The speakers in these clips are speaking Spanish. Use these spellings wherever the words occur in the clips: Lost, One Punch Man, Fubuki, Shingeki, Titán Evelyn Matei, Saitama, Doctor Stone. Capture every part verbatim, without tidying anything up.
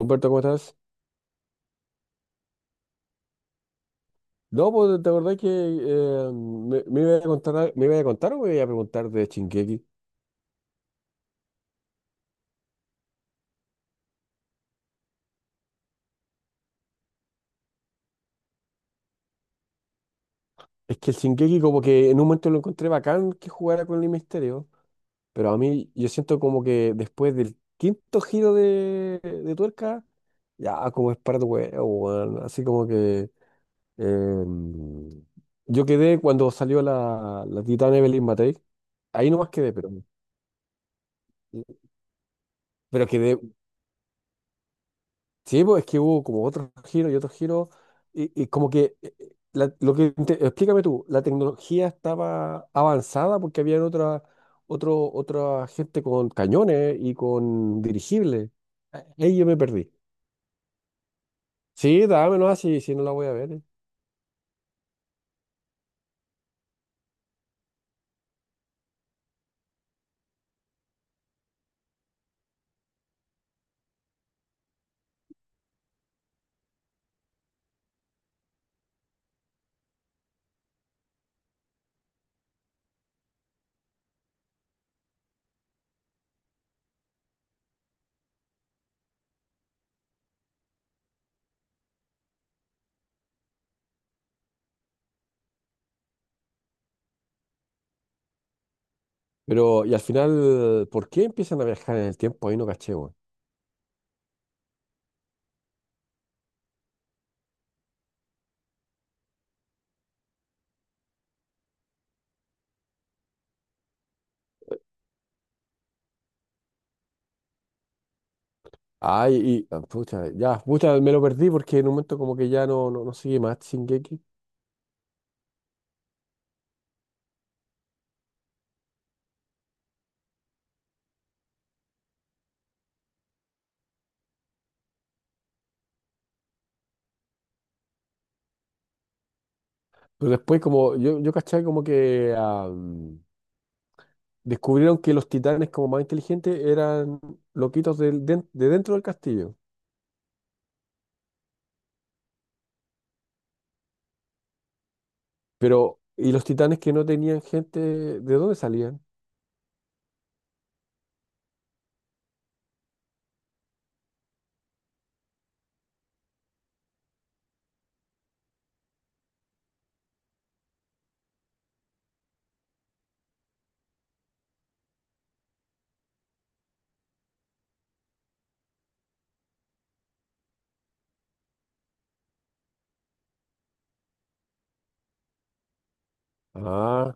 Humberto, ¿cómo estás? No, pues te acordás que eh, me, me iba a contar, al- me iba a contar o me iba a preguntar de Shingeki. Es que el Shingeki como que en un momento lo encontré bacán que jugara con el misterio, pero a mí yo siento como que después del quinto giro de, de tuerca, ya como es para tu huevo, weón. Así como que eh, yo quedé cuando salió la, la Titán Evelyn Matei, ahí nomás quedé, pero, pero quedé. Sí, pues es que hubo como otros giros y otros giros, y, y como que, eh, eh, la- lo que, inte- explícame tú, la tecnología estaba avanzada porque había otra, otro, otra gente con cañones y con dirigibles. Ah, ahí yo me perdí. Sí, dámelo así, si no la voy a ver. eh. Pero, y al final, ¿por qué empiezan a viajar en el tiempo? Ahí no caché, weón. Ay, y, ah, pucha, ya, pucha, me lo perdí porque en un momento como que ya no, no, no sigue más Shingeki. Pero después como, yo, yo caché como que... ah, descubrieron que los titanes como más inteligentes eran loquitos del- den- de, dentro del castillo. Pero, ¿y los titanes que no tenían gente, de dónde salían? Ah,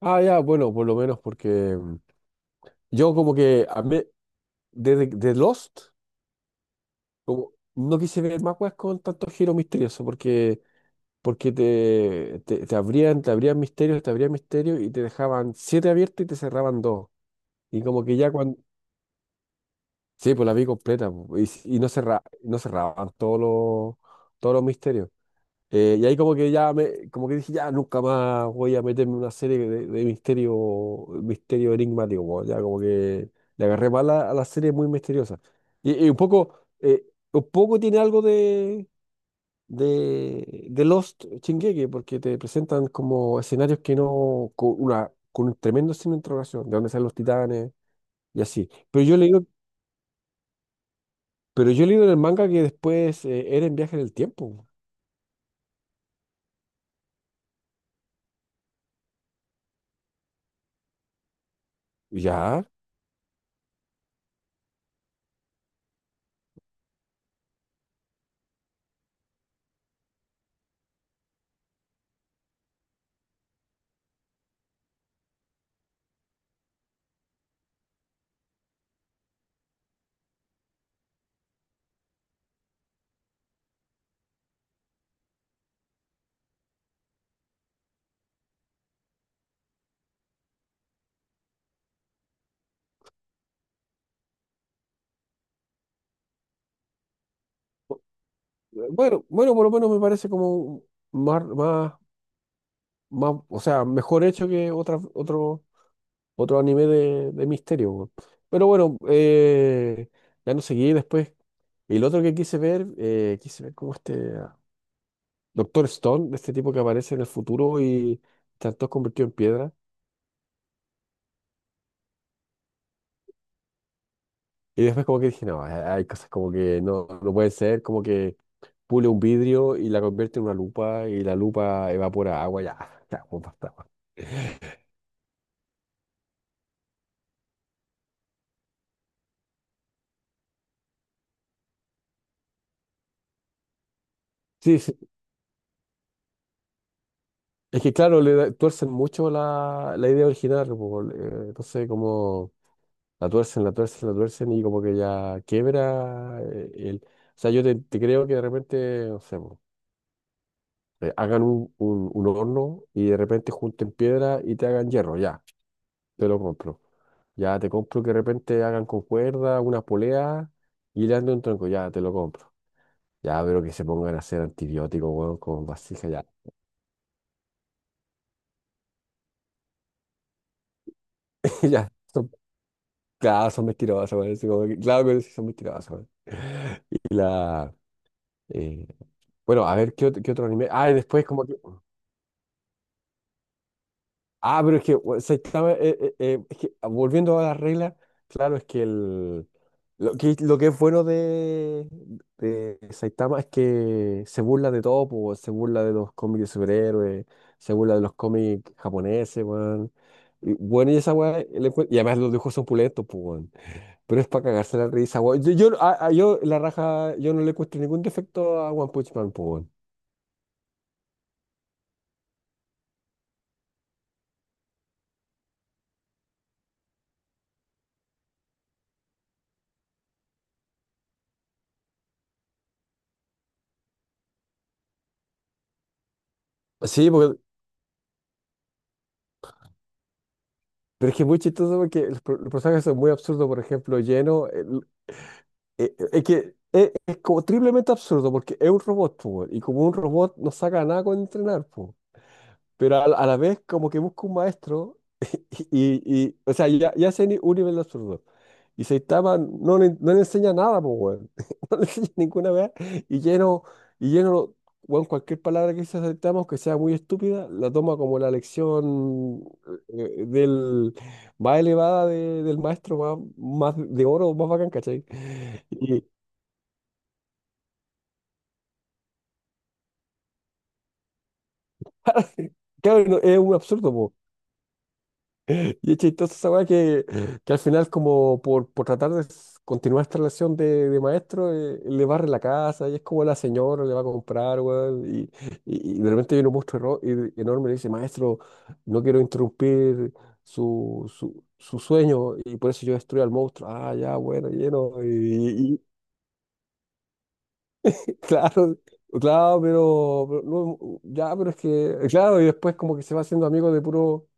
ah, ya, bueno, por lo menos porque mm, yo como que a mí- desde de Lost, como no quise ver más weas con tanto giro misterioso, porque, porque te, te, te abrían, te abrían misterios, te abrían misterios y te dejaban siete abiertos y te cerraban dos. Y como que ya. Sí, pues la vi completa po, y, y no cerra, no cerraban todos los, todos los misterios. Eh, y ahí como que ya me, como que dije, ya nunca más voy a meterme en una serie de, de misterio, misterio enigmático, po, ya como que le agarré mal a, a la serie muy misteriosa. Y, y un poco, eh, un poco tiene algo de, de, de Lost Shingeki, porque te presentan como escenarios que no, con una, con un tremendo signo de interrogación, de dónde salen los titanes y así. Pero yo le digo. Pero yo he leído en el manga que después eh, Eren viaje en el tiempo. Ya. eh, Bueno, bueno, por lo menos me parece como más, más, más, o sea, mejor hecho que otra, otro, otro anime de, de misterio. Weón. Pero bueno, eh, ya no seguí después. Y el otro que quise ver, eh, quise ver como este ah, Doctor Stone, de este tipo que aparece en el futuro y tanto todo convertido en piedra. Y después como que dije, no, hay hay cosas como que no, no pueden ser, como que pule un vidrio y la convierte en una lupa y la lupa evapora agua, ya, ya, pues basta, pues. Sí, sí, es que claro, le da- tuercen mucho la, la idea original, pues, eh, entonces como la tuercen, la tuercen, la tuercen y como que ya quiebra eh, el. O sea, yo te, te creo que de repente, no sé, pues, eh, hagan un, un, un horno y de repente junten piedra y te hagan hierro, ya, te lo compro. Ya te compro que de repente hagan con cuerda, unas poleas y le anden un tronco, ya, te lo compro. Ya, pero que se pongan a hacer antibióticos, weón, con vasija, ya. Ya, son, claro, son mentirosos, weón. así como que- Claro que sí son mentirosos, weón. Y la. eh, bueno, a ver, ¿qué, ot- qué otro anime? Ah, y después como que. Ah, pero es que, o sea, estaba, eh, eh, eh, es que, ah, volviendo a la regla, claro, es que el, lo que, lo que es bueno de, de Saitama es que se burla de todo, po, se burla de los cómics de superhéroes, se burla de los cómics japoneses, weón. Y, bueno, y esa weá, el encue- y además los dibujos son pulentos, pues, weón. Pero es para cagarse la risa, weón. Yo, yo, a- a- yo, la raja, yo no le encuentro ningún defecto a One Punch Man, po, weón. Sí, porque, pero es que es muy chistoso porque los, pro- los personajes son muy absurdos. Por ejemplo, Lleno. Es, es que es, es como triplemente absurdo porque es un robot, po, weón, y como un robot no saca nada con entrenar, po. Pero a, la a la vez como que busca un maestro. Y, y- y, o sea, ya, ya se ni- un nivel de absurdo. Y Saitama no le, no le enseña nada, po, weón. No le enseña ninguna vez y lleno, y lleno, weón, cualquier palabra que dice Saitama, aunque sea muy estúpida, la toma como la lección eh, eh, del, más elevada de- del maestro, más, más de oro, más bacán, ¿cachai? Claro, no, es un absurdo, po. Y es chistoso esa weá que, que al final, como por, por tratar de s- continuar esta relación de, de maestro, eh, le barre la casa y es como la señora le va a comprar, weón. Y, y, y de repente viene un monstruo erro- y- enorme y le dice, maestro, no quiero interrumpir su, su, su sueño y por eso yo destruyo al monstruo. Ah, ya, bueno, lleno. Y, y- y- claro, claro, pero, pero no, ya, pero es que, claro, y después como que se va haciendo amigo de puro.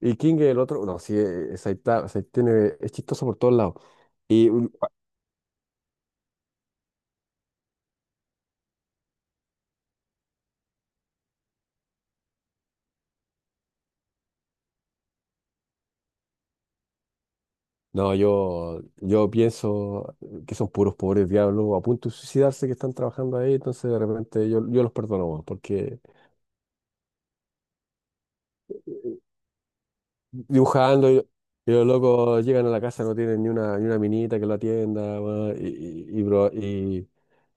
Y King, el otro, no, sí, eh, Saitama, o sea, tiene, es chistoso por todos lados. Y mm, no, yo, yo pienso que son puros pobres diablos a punto de suicidarse que están trabajando ahí, entonces de repente yo, yo los perdono, weón, porque dibujando y, y los locos llegan a la casa, no tienen ni una, ni una minita que lo atienda, weón, y, y, y bro- y-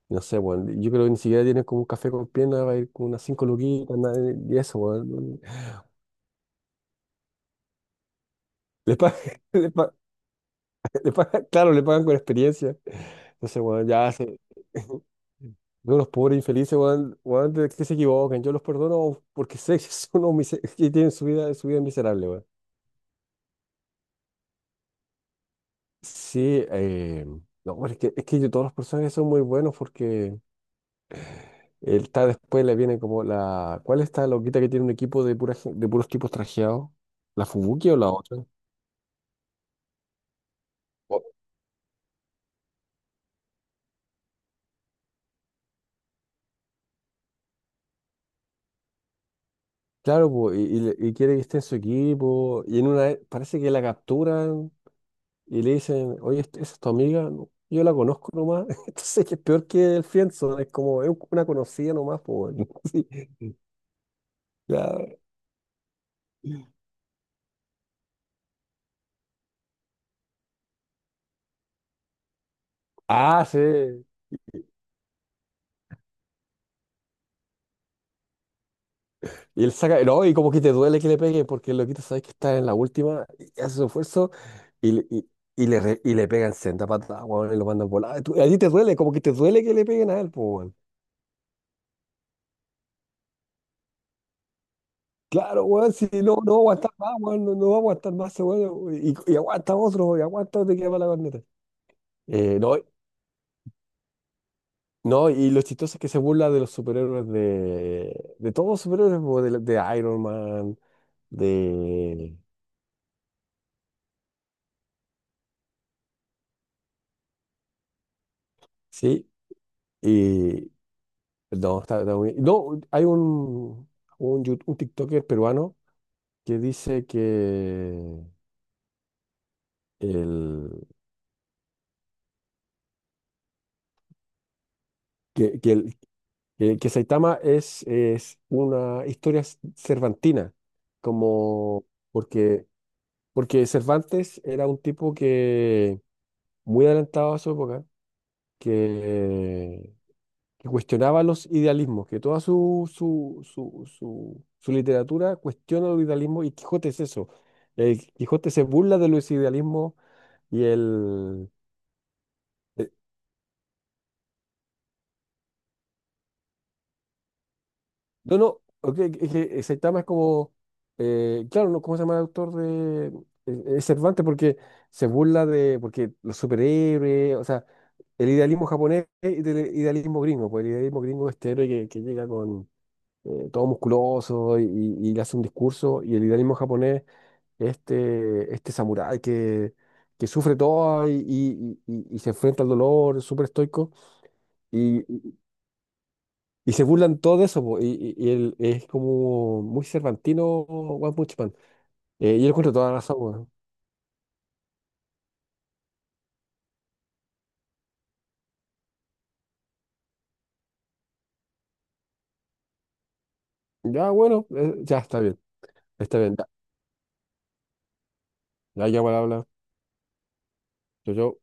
no sé, weón, yo creo que ni siquiera tienen como un café con piernas, va a ir con unas cinco luquitas, nada, y eso, weón. Les pagan. Le pagan- claro, le pagan con experiencia. Entonces, weón, ya se. Veo unos pobres infelices, weón, weón, de- que se equivoquen. Yo los perdono porque sé que son unos mise- que tienen su vida, su vida miserable, weón. Sí, eh, no, pero es que, es que yo- todos los personajes son muy buenos porque él está después le viene como la. ¿Cuál es esta loquita que tiene un equipo de, pura, gen- de puros tipos trajeados? ¿La Fubuki o la otra? O- Claro, po, y, y le- y quiere que esté en su equipo. Y en una. Parece que la captura y le dicen, oye, ¿est- ¿esa es tu amiga? "No, yo la conozco nomás". Entonces, que es peor que el Friendzone, es como es una conocida nomás, pues. Sí, ya. Ah, sí. Y él saca, no, y como que te duele que le peguen, porque el loquito sabes que está en la última, y hace su esfuerzo y, le- y, y le, re- y le pegan senda patada, weón, y lo mandan volar. Tú- A ti te duele, como que te duele que le peguen a él, pues, weón. Claro, weón, si no, no va a aguantar más, weón, no, no va a aguantar más ese weón, y, y aguanta otro, y aguanta otro y queda para la corneta. Eh, no, No, y lo chistoso es que se burla de los superhéroes de, de todos los superhéroes, po, de, de Iron Man, de. Sí, y. No, está, está muy- No, hay un, un, yu- un TikToker peruano que dice que, el, que, que, el- que, que Saitama es, es una historia c- cervantina, como porque, porque Cervantes era un tipo que muy adelantado a su época que que cuestionaba los idealismos, que toda su, su, su, su, su literatura cuestiona los idealismos y Quijote es eso. El Quijote se burla de los idealismos y el. eh, no, no, ok, es que Saitama es como. Eh, claro, no, ¿cómo se llama el autor de. Eh, Es Cervantes porque se burla de. Porque los superhéroes, o sea, el idealismo japonés y del idealismo gringo, pues el idealismo gringo es este héroe que, que llega con. Eh, todo musculoso y, y- y le hace un discurso, y el idealismo japonés este, este samurái que, que sufre todo y, y- y- y se enfrenta al dolor, es súper estoico, y, y- y se burlan todo de eso, po, y, y- y él es como muy cervantino One Punch Man. Eh, y él encuentra toda la razón, weón. Ya, bueno, eh, ya está bien, está bien, ya, ya, ya, igual habla, yo, yo.